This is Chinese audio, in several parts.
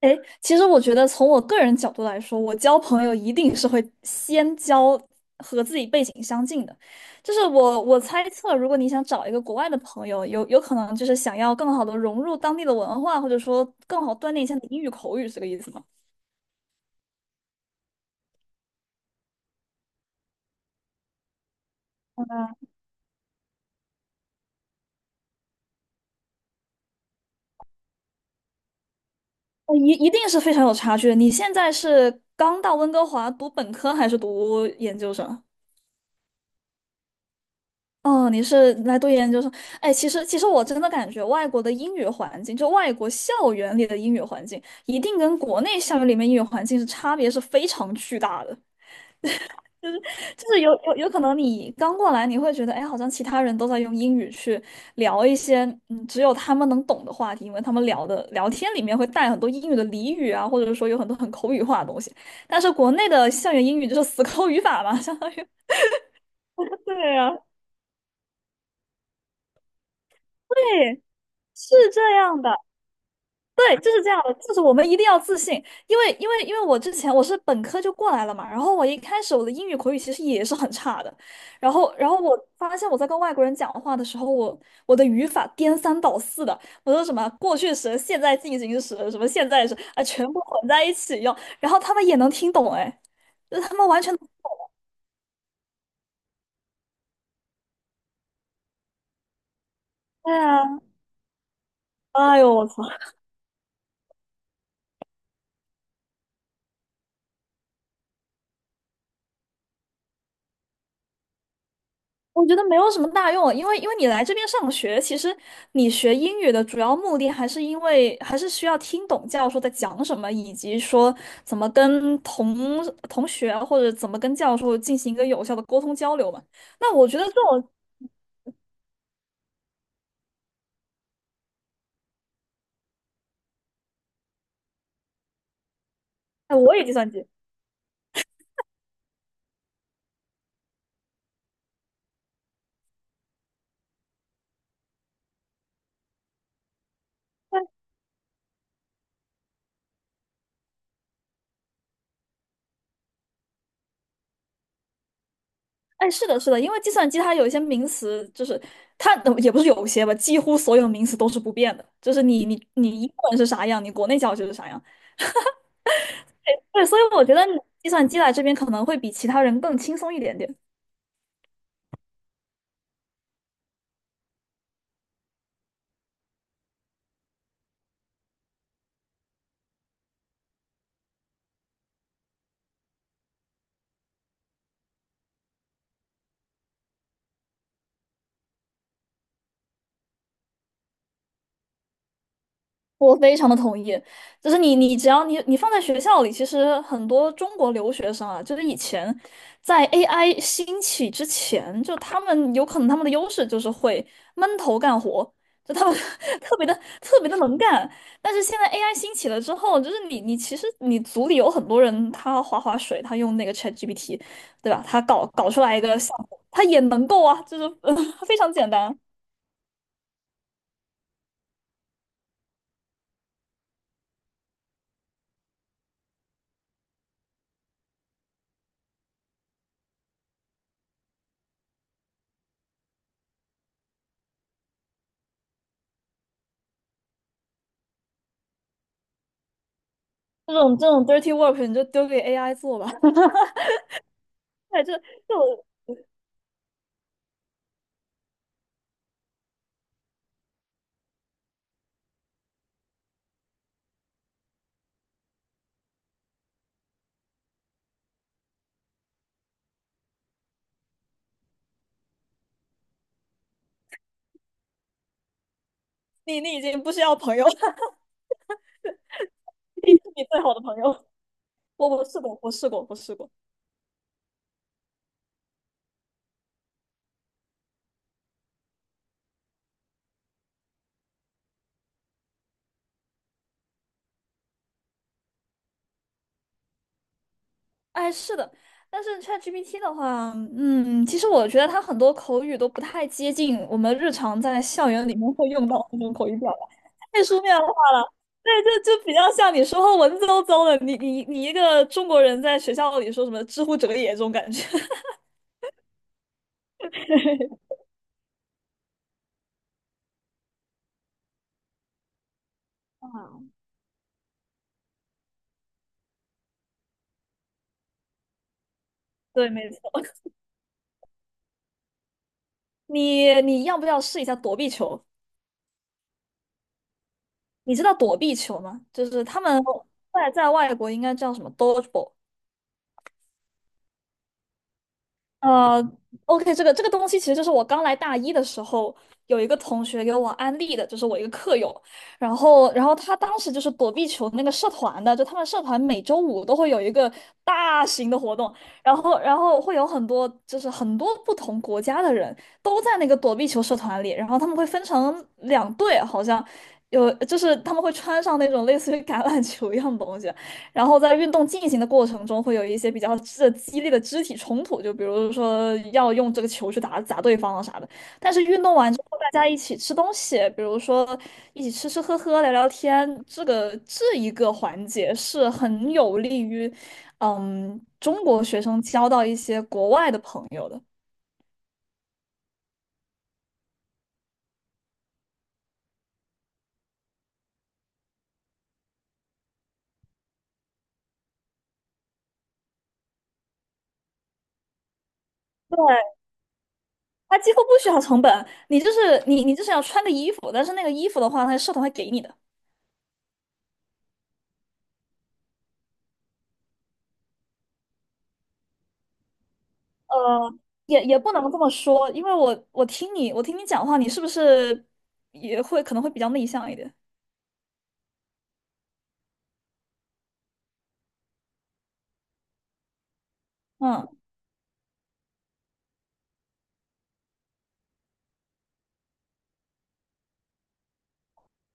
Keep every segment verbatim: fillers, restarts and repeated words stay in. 哎，其实我觉得从我个人角度来说，我交朋友一定是会先交和自己背景相近的。就是我我猜测，如果你想找一个国外的朋友，有有可能就是想要更好的融入当地的文化，或者说更好锻炼一下你英语口语，是这个意思吗？呃一一定是非常有差距的。你现在是刚到温哥华读本科还是读研究生？哦，你是来读研究生？哎，其实其实我真的感觉外国的英语环境，就外国校园里的英语环境，一定跟国内校园里面英语环境是差别是非常巨大的。就是有有有可能你刚过来，你会觉得，哎，好像其他人都在用英语去聊一些嗯只有他们能懂的话题，因为他们聊的聊天里面会带很多英语的俚语啊，或者说有很多很口语化的东西。但是国内的校园英语就是死 抠语法嘛，相当于 对啊，对，是这样的。对，就是这样的，就是我们一定要自信，因为因为因为我之前我是本科就过来了嘛，然后我一开始我的英语口语其实也是很差的，然后然后我发现我在跟外国人讲话的时候，我我的语法颠三倒四的，我说什么过去时、现在进行时、什么现在时啊，全部混在一起用，然后他们也能听懂，哎，就是他们完全，对啊，哎呦我操！我觉得没有什么大用啊，因为因为你来这边上学，其实你学英语的主要目的还是因为还是需要听懂教授在讲什么，以及说怎么跟同同学啊或者怎么跟教授进行一个有效的沟通交流嘛。那我觉得这种，哎，我也计算机，哎，是的，是的，因为计算机它有一些名词，就是它呃也不是有些吧，几乎所有名词都是不变的，就是你你你英文是啥样，你国内教学是啥样。对，所以我觉得计算机来这边可能会比其他人更轻松一点点。我非常的同意，就是你，你只要你你放在学校里，其实很多中国留学生啊，就是以前在 A I 兴起之前，就他们有可能他们的优势就是会闷头干活，就他们 特别的特别的能干。但是现在 A I 兴起了之后，就是你你其实你组里有很多人，他划划水，他用那个 ChatGPT,对吧？他搞搞出来一个项目，他也能够啊，就是、嗯非常简单。这种这种 dirty work 你就丢给 A I 做吧。对，这这种你你已经不需要朋友了，你是你最好的朋友。我我试过，我试过，我试过。哎，是的，但是 ChatGPT 的话，嗯，其实我觉得它很多口语都不太接近我们日常在校园里面会用到的那种口语表达，太书面化了。对，就就比较像你说话文绉绉的，你你你一个中国人在学校里说什么“知乎者也”这种感觉。啊对，没错。你你要不要试一下躲避球？你知道躲避球吗？就是他们在在外国应该叫什么 dodgeball。呃，OK,这个这个东西其实就是我刚来大一的时候，有一个同学给我安利的，就是我一个课友，然后然后他当时就是躲避球那个社团的，就他们社团每周五都会有一个大型的活动，然后然后会有很多就是很多不同国家的人都在那个躲避球社团里，然后他们会分成两队，好像有就是他们会穿上那种类似于橄榄球一样的东西。然后在运动进行的过程中，会有一些比较这激烈的肢体冲突，就比如说要用这个球去打砸对方啊啥的。但是运动完之后，大家一起吃东西，比如说一起吃吃喝喝、聊聊天，这个这一个环节是很有利于，嗯，中国学生交到一些国外的朋友的。对，他几乎不需要成本，你就是你你就是要穿个衣服，但是那个衣服的话，他社团会给你的。呃，也也不能这么说，因为我我听你，我听你讲话，你是不是也会可能会比较内向一点？嗯，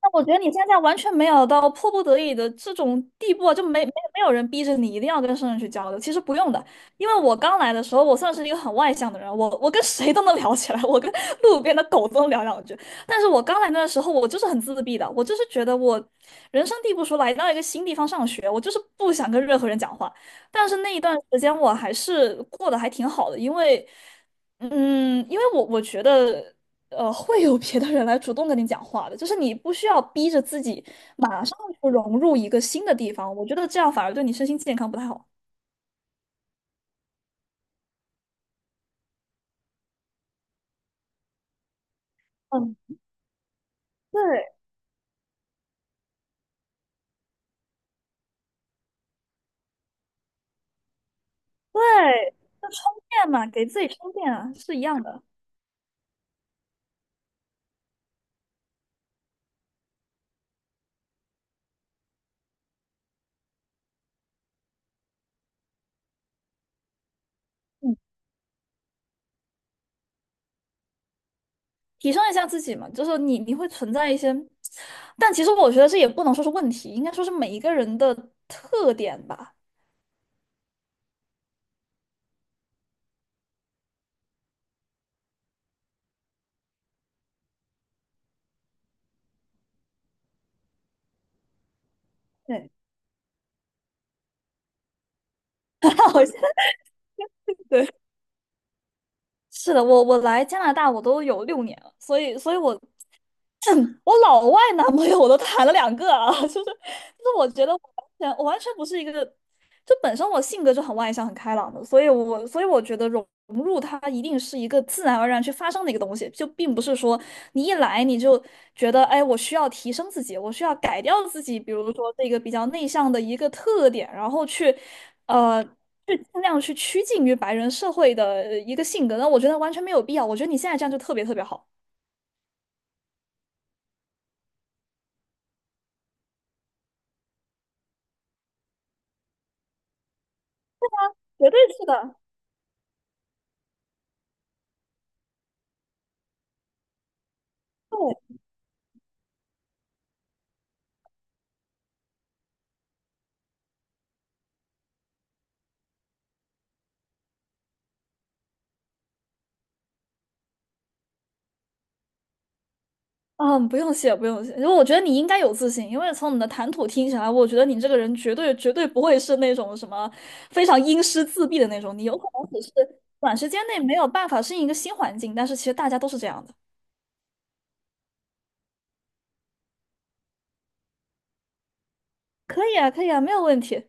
但我觉得你现在完全没有到迫不得已的这种地步啊，就没没没有人逼着你一定要跟生人去交流。其实不用的，因为我刚来的时候，我算是一个很外向的人，我我跟谁都能聊起来，我跟路边的狗都能聊两句。但是我刚来那时候，我就是很自闭的，我就是觉得我人生地不熟，来到一个新地方上学，我就是不想跟任何人讲话。但是那一段时间我还是过得还挺好的，因为，嗯，因为我我觉得。呃，会有别的人来主动跟你讲话的，就是你不需要逼着自己马上就融入一个新的地方，我觉得这样反而对你身心健康不太好。嗯，对，对，就充电嘛，给自己充电啊，是一样的。嗯，提升一下自己嘛，就是你你会存在一些，但其实我觉得这也不能说是问题，应该说是每一个人的特点吧。对，好像对，是的，我我来加拿大我都有六年了，所以所以我我老外男朋友我都谈了两个啊，就是就是我觉得我完全我完全不是一个，就本身我性格就很外向很开朗的，所以我所以我觉得融融入它一定是一个自然而然去发生的一个东西，就并不是说你一来你就觉得哎我需要提升自己，我需要改掉自己，比如说这个比较内向的一个特点，然后去呃。去尽量去趋近于白人社会的一个性格，那我觉得完全没有必要。我觉得你现在这样就特别特别好，绝对是的。对，嗯，不用谢，不用谢。因为我觉得你应该有自信，因为从你的谈吐听起来，我觉得你这个人绝对绝对不会是那种什么非常阴湿自闭的那种，你有可能只是短时间内没有办法适应一个新环境，但是其实大家都是这样的。可以啊，可以啊，没有问题。